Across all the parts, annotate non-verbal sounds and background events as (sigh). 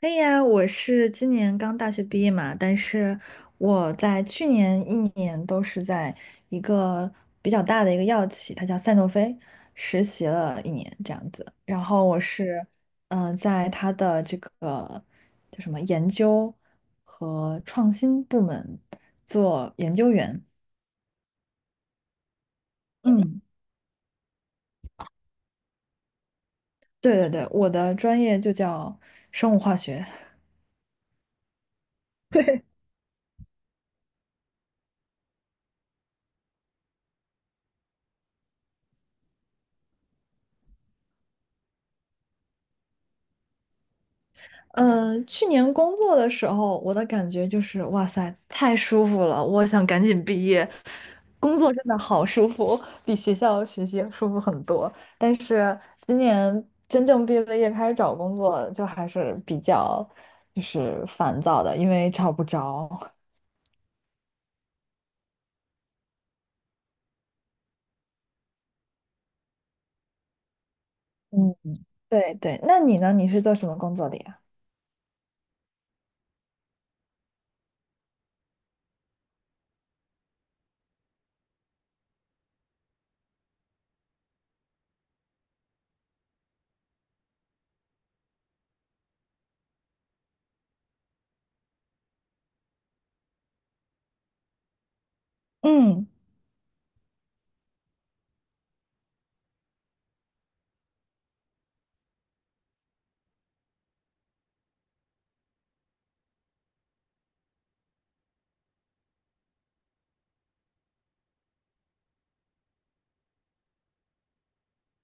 可以啊，我是今年刚大学毕业嘛，但是我在去年一年都是在一个比较大的一个药企，它叫赛诺菲，实习了一年这样子。然后我是，在它的这个叫什么研究和创新部门做研究员。嗯，对对对，我的专业就叫生物化学。去年工作的时候，我的感觉就是，哇塞，太舒服了，我想赶紧毕业。工作真的好舒服，比学校学习舒服很多。但是今年真正毕了业开始找工作，就还是比较就是烦躁的，因为找不着。嗯，对对，那你呢？你是做什么工作的呀？嗯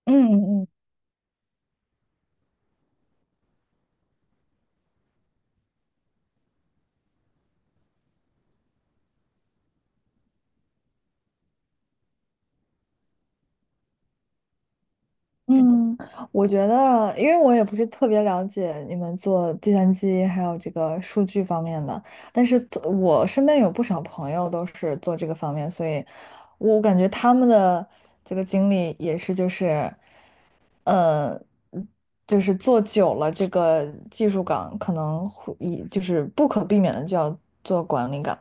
嗯嗯嗯，我觉得，因为我也不是特别了解你们做计算机还有这个数据方面的，但是做我身边有不少朋友都是做这个方面，所以我感觉他们的这个经历也是，就是，呃，就是做久了这个技术岗，可能会以就是不可避免的就要做管理岗。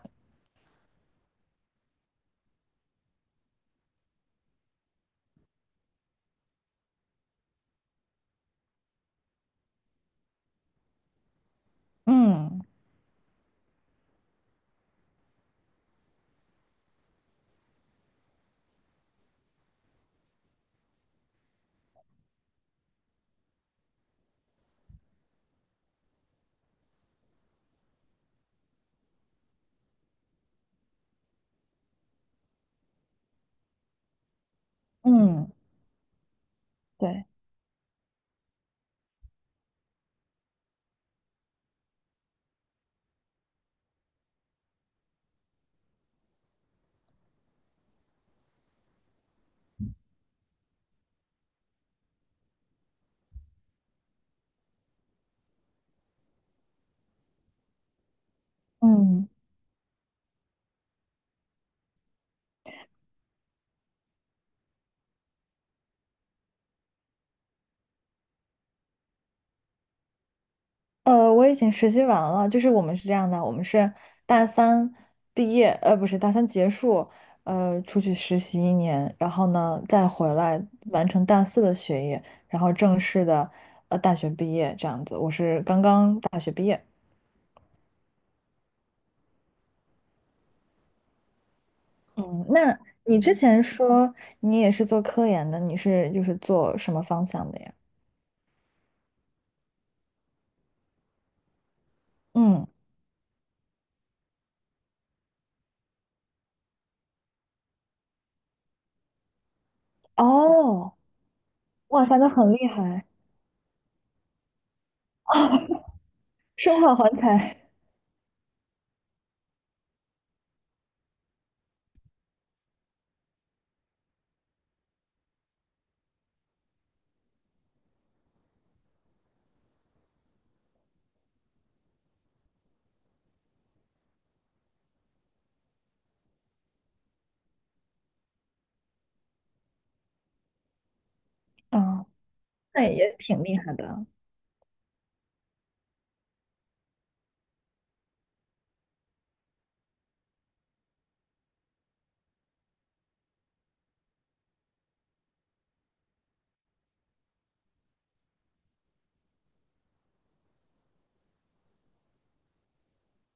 嗯嗯，对，嗯。我已经实习完了，就是我们是这样的，我们是大三毕业，呃，不是大三结束，出去实习一年，然后呢再回来完成大四的学业，然后正式的大学毕业这样子。我是刚刚大学毕业。嗯，那你之前说你也是做科研的，你是就是做什么方向的呀？嗯，哦，哇塞，那很厉害，生化 (laughs) 环材，啊，那也挺厉害的。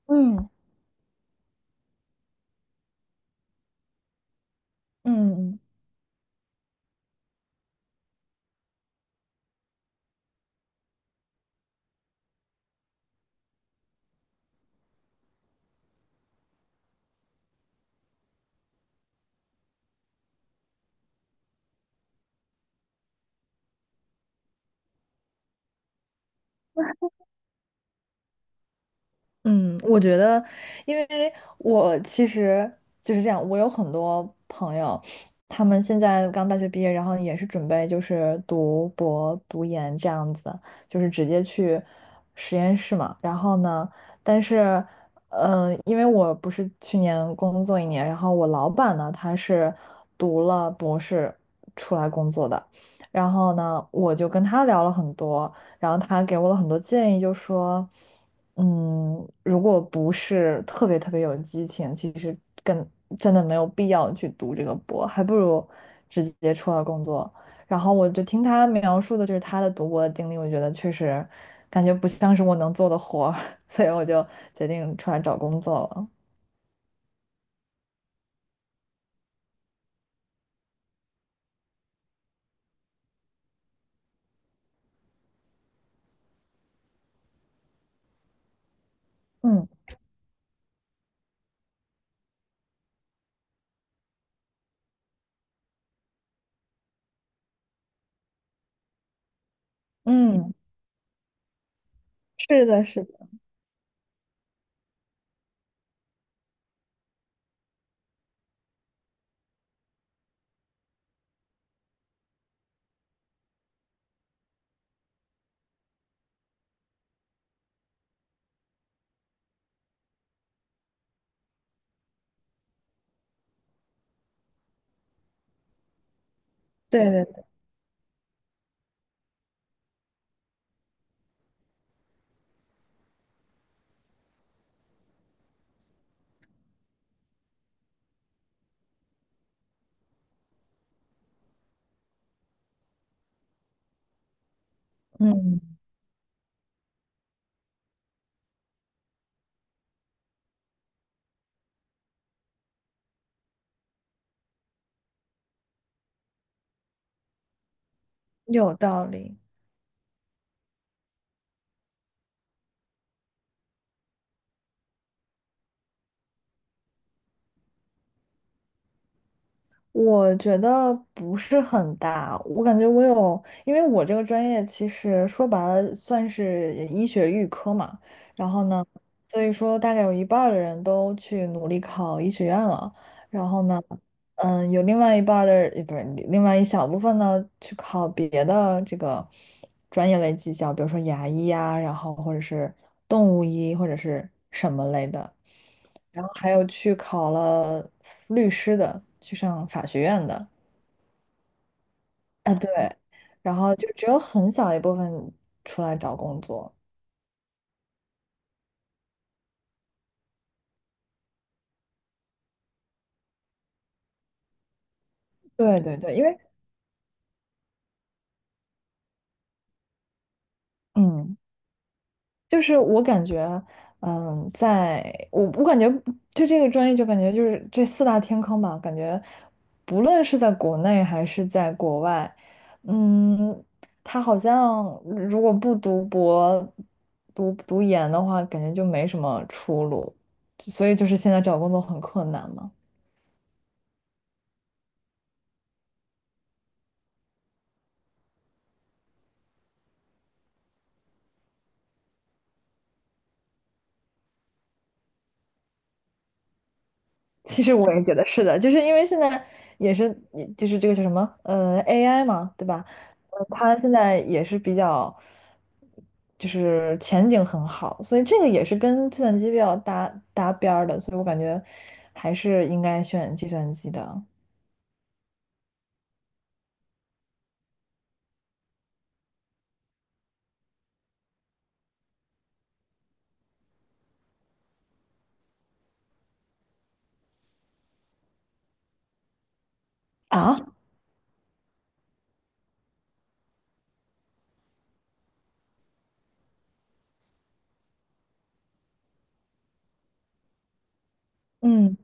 嗯嗯嗯。嗯，我觉得，因为我其实就是这样，我有很多朋友，他们现在刚大学毕业，然后也是准备就是读博、读研这样子的，就是直接去实验室嘛。然后呢，但是，因为我不是去年工作一年，然后我老板呢，他是读了博士出来工作的，然后呢，我就跟他聊了很多。然后他给我了很多建议，就说，嗯，如果不是特别特别有激情，其实更真的没有必要去读这个博，还不如直接出来工作。然后我就听他描述的就是他的读博的经历，我觉得确实感觉不像是我能做的活儿，(laughs) 所以我就决定出来找工作了。嗯嗯，嗯，是的，是的，对对对，嗯，有道理。我觉得不是很大，我感觉我有，因为我这个专业其实说白了算是医学预科嘛，然后呢，所以说大概有一半儿的人都去努力考医学院了，然后呢。嗯，有另外一半儿的，不是另外一小部分呢，去考别的这个专业类技校，比如说牙医呀、然后或者是动物医或者是什么类的，然后还有去考了律师的，去上法学院的，啊对，然后就只有很小一部分出来找工作，对对对，因为。嗯。就是我感觉，嗯，在我感觉就这个专业，就感觉就是这四大天坑吧，感觉不论是在国内还是在国外，嗯，他好像如果不读博、读研的话，感觉就没什么出路，所以就是现在找工作很困难嘛。其实我也觉得是的，就是因为现在也是，就是这个叫什么，AI 嘛，对吧？它现在也是比较，就是前景很好，所以这个也是跟计算机比较搭边儿的，所以我感觉还是应该选计算机的啊。嗯，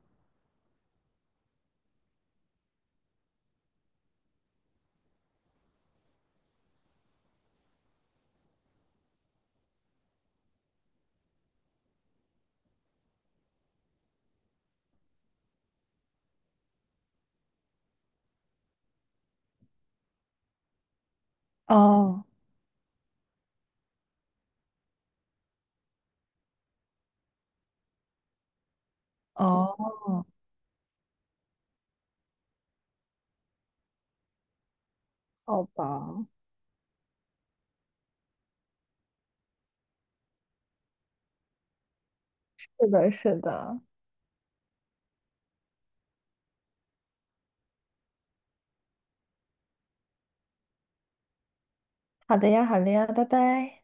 哦，哦，好吧。是的，是的，好的呀，好的呀，拜拜。